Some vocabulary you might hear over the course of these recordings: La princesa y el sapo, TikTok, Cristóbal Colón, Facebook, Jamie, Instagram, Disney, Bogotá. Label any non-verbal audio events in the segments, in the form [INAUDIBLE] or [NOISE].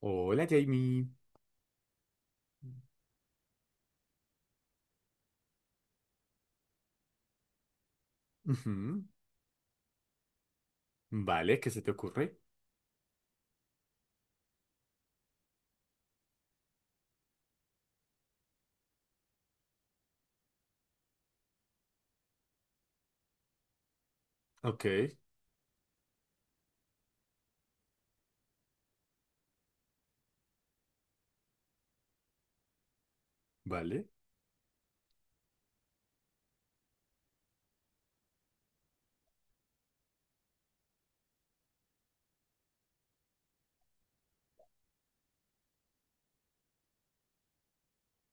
Hola, Jamie. Ujú. Vale, ¿qué se te ocurre? Ok, vale,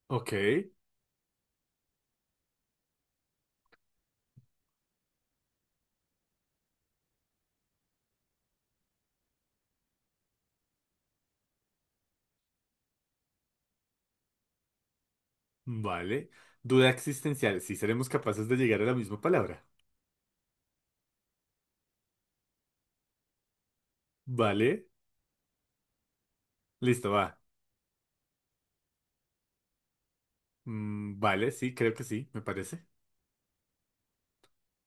ok, vale. Duda existencial, si seremos capaces de llegar a la misma palabra. Vale, listo, va. Mm, vale, sí, creo que sí, me parece.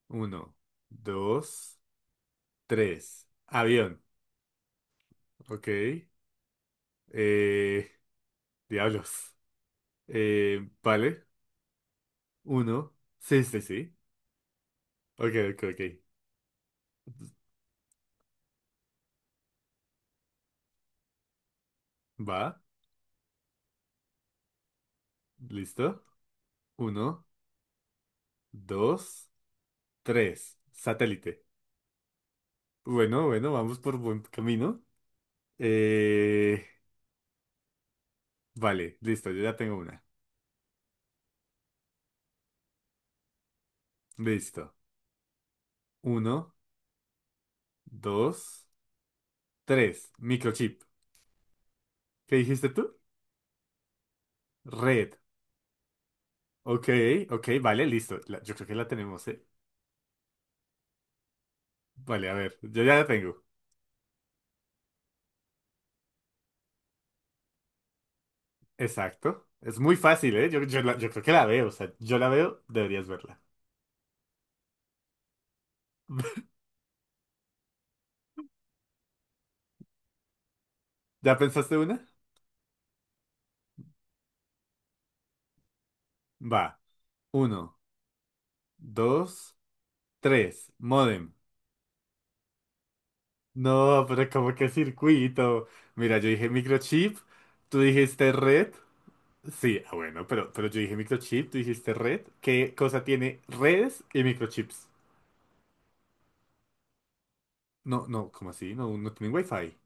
Uno, dos, tres. Avión, ok. Eh, diablos. Vale, uno. Sí, sí, sí. Ok, ok, ok. Va, listo. Uno, dos. Tres, satélite. Bueno, bueno, vamos por buen camino. Eh, vale, listo, yo ya tengo una. Listo. Uno, dos, tres, microchip. ¿Qué dijiste tú? Red. Ok, ok, vale, listo. Yo creo que la tenemos, ¿eh? Vale, a ver, yo ya la tengo. Exacto. Es muy fácil, ¿eh? Yo creo que la veo, o sea, yo la veo, deberías verla. [LAUGHS] ¿Ya pensaste una? Va. Uno, dos, tres, modem. No, pero como que circuito. Mira, yo dije microchip, tú dijiste red. Sí, ah, bueno, pero yo dije microchip, tú dijiste red. ¿Qué cosa tiene redes y microchips? No, no, ¿cómo así? No, no tienen wifi.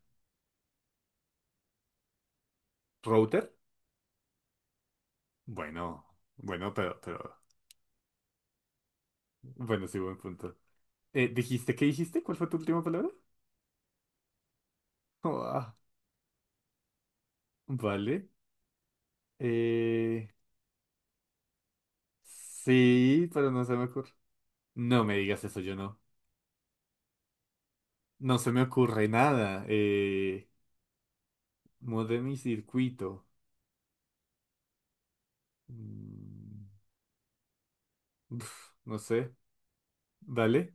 ¿Router? Bueno, bueno, bueno, sí, buen punto. ¿Dijiste qué dijiste? ¿Cuál fue tu última palabra? Oh, ah, vale. Eh, sí, pero no se me ocurre. No me digas eso, yo no. No se me ocurre nada. Modem y circuito. Mm, uf, no sé. Dale.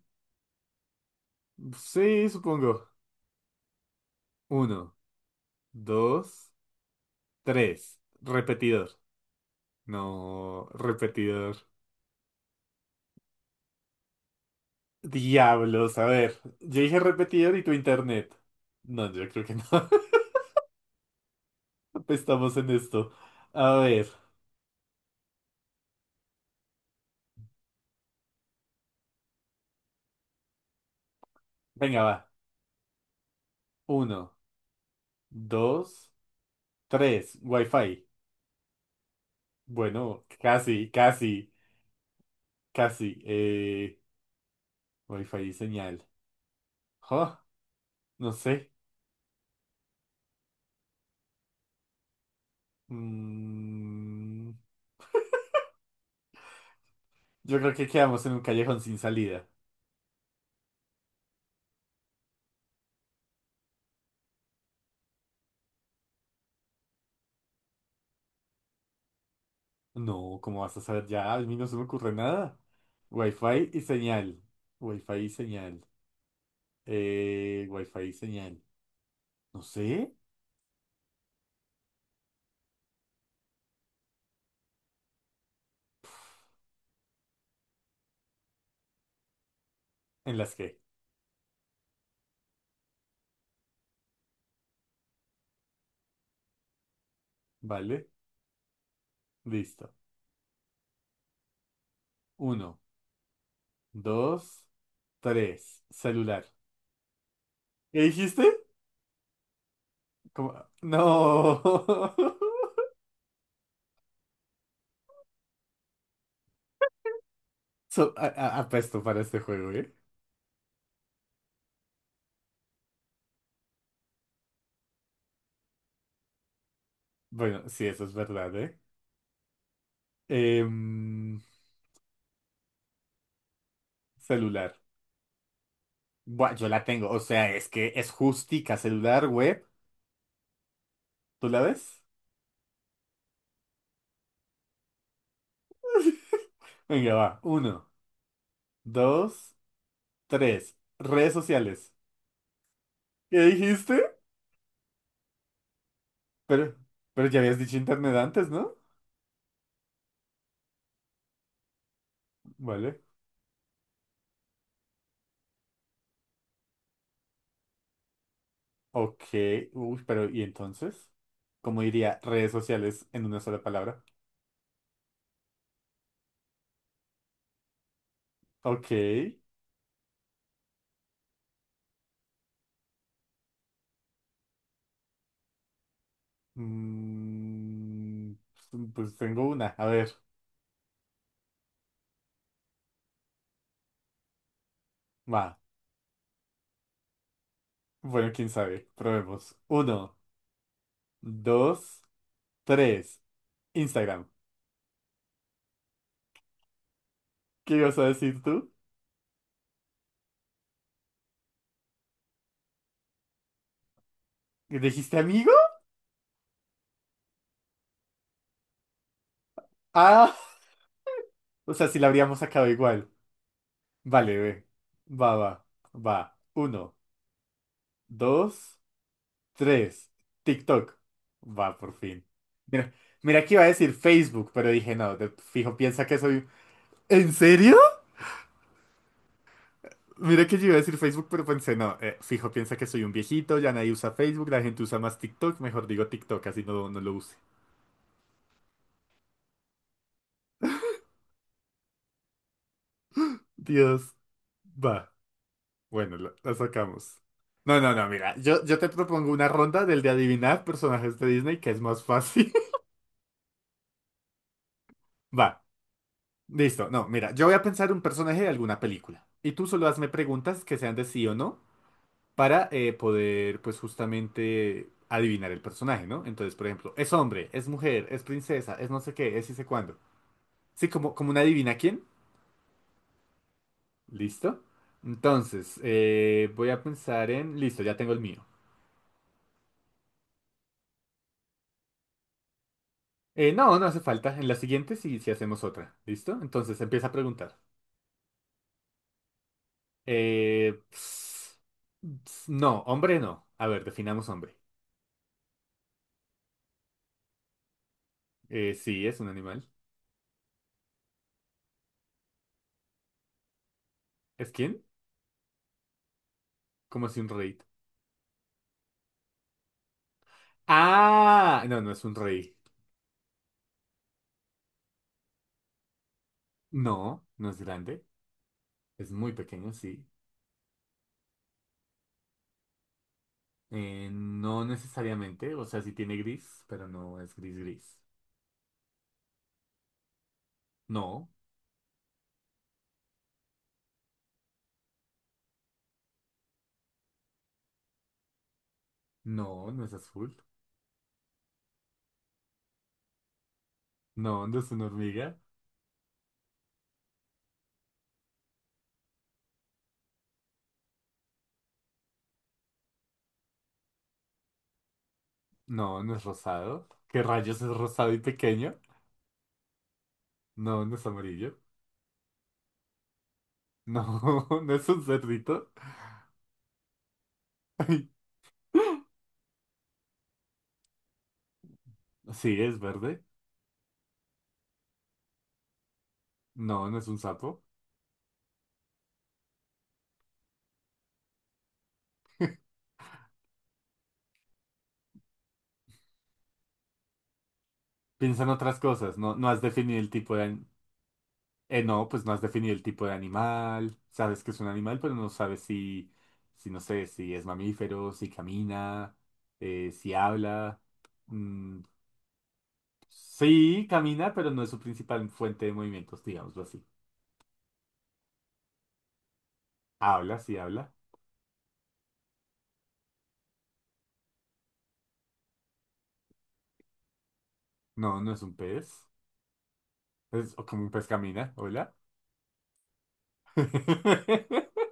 Sí, supongo. Uno, dos, tres. Repetidor. No, repetidor. Diablos, a ver. Yo dije repetidor y tu internet. No, yo creo que no. [LAUGHS] Estamos en esto. A ver. Venga, va. Uno, dos, tres. Wi-Fi. Bueno, casi, casi, casi. Wi-Fi y señal. Jo, no sé. Mm, yo creo que quedamos en un callejón sin salida. No, ¿cómo vas a saber ya? A mí no se me ocurre nada. Wi-Fi y señal. Wi-Fi y señal. Wi-Fi y señal. No sé. En las que. Vale. Listo. Uno, dos, tres. Celular. ¿Qué dijiste? ¿Cómo? No. [LAUGHS] Apesto para este juego, ¿eh? Bueno, sí, eso es verdad, ¿eh? Em, Celular. Buah, yo la tengo. O sea, es que es justica celular, web. ¿Tú la ves? Venga, va. Uno, dos, tres. Redes sociales. ¿Qué dijiste? Pero, pero ya habías dicho internet antes, ¿no? Vale. Ok. Uy, pero ¿y entonces? ¿Cómo diría redes sociales en una sola palabra? Ok. Mm, pues tengo una. A ver. Va. Bueno, quién sabe. Probemos. Uno, dos, tres. Instagram. ¿Qué ibas a decir tú? ¿Dijiste amigo? Ah, o sea, si la habríamos sacado igual. Vale, ve. Va, va, va. Uno, dos, tres. TikTok. Va, por fin. Mira, mira que iba a decir Facebook, pero dije no, fijo, piensa que soy... ¿En serio? Mira que yo iba a decir Facebook, pero pensé no, fijo, piensa que soy un viejito, ya nadie usa Facebook, la gente usa más TikTok, mejor digo TikTok, así no, no lo use. Dios, va. Bueno, la sacamos. No, no, no, mira, yo te propongo una ronda del de adivinar personajes de Disney que es más fácil. [LAUGHS] Va, listo. No, mira, yo voy a pensar un personaje de alguna película. Y tú solo hazme preguntas que sean de sí o no para poder, pues justamente, adivinar el personaje, ¿no? Entonces, por ejemplo, ¿es hombre? ¿Es mujer? ¿Es princesa? ¿Es no sé qué? ¿Es y sé cuándo? Sí, como una adivina quién. Listo. Entonces, voy a pensar en... Listo, ya tengo el mío. No, no hace falta. En la siguiente sí, sí hacemos otra. ¿Listo? Entonces empieza a preguntar. Eh, ps- no, hombre no. A ver, definamos hombre. Sí, es un animal. ¿Es quién? ¿Cómo así un rey? Ah, no, no es un rey. No, no es grande. Es muy pequeño, sí. No necesariamente. O sea, sí tiene gris, pero no es gris gris. No, no, no es azul. No, no es una hormiga. No, no es rosado. ¿Qué rayos es rosado y pequeño? No, no es amarillo. No, [LAUGHS] no es un cerdito. Ay, sí, es verde. No, no es un sapo. Piensa en otras cosas. No, no has definido el tipo de... No, pues no has definido el tipo de animal. Sabes que es un animal, pero no sabes si, no sé, si es mamífero, si camina, si habla. Mm, sí, camina, pero no es su principal fuente de movimientos, digámoslo así. Habla, sí habla. No, no es un pez. Es o como un pez camina. Hola. [LAUGHS]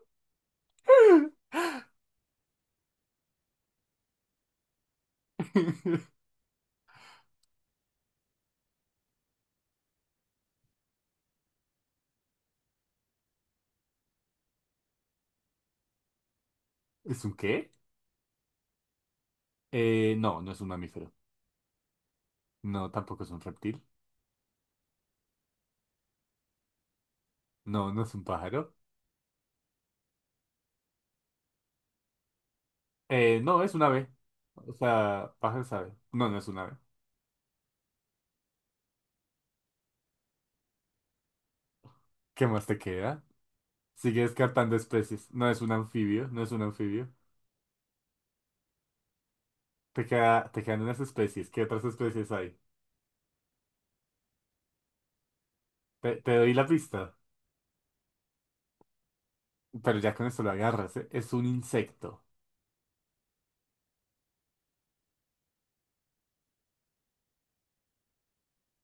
[LAUGHS] ¿Es un qué? No, no es un mamífero. No, tampoco es un reptil. No, no es un pájaro. No, es un ave. O sea, pájaro es ave. No, no es un ave. ¿Qué más te queda? Sigue descartando especies. No es un anfibio, no es un anfibio. Te queda, te quedan unas especies. ¿Qué otras especies hay? Te doy la pista. Pero ya con esto lo agarras, ¿eh? Es un insecto.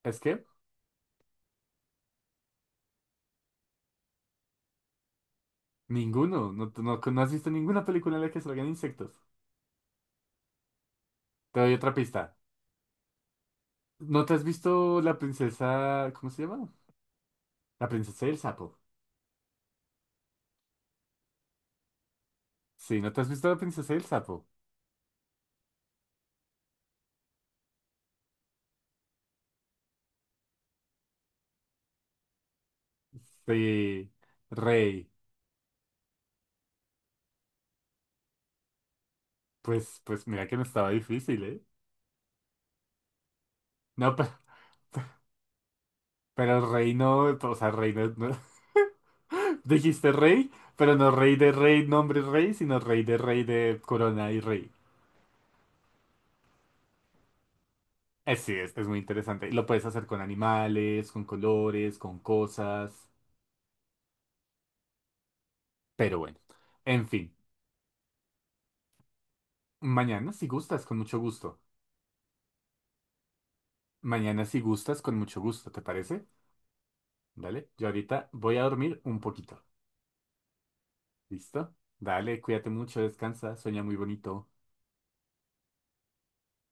¿Es que? Ninguno. No, no, no has visto ninguna película en la que salgan insectos. Te doy otra pista. ¿No te has visto la princesa... ¿Cómo se llama? La princesa y el sapo. Sí, ¿no te has visto la princesa y el sapo? Sí, Rey. Pues mira que no estaba difícil, ¿eh? No, pero Rey no, o sea, Rey no, [LAUGHS] Dijiste Rey, pero no Rey de Rey, nombre Rey, sino Rey de Corona y Rey. Sí, es, muy interesante. Lo puedes hacer con animales, con colores, con cosas. Pero bueno, en fin. Mañana si gustas, con mucho gusto. Mañana si gustas, con mucho gusto, ¿te parece? Dale, yo ahorita voy a dormir un poquito. ¿Listo? Dale, cuídate mucho, descansa, sueña muy bonito.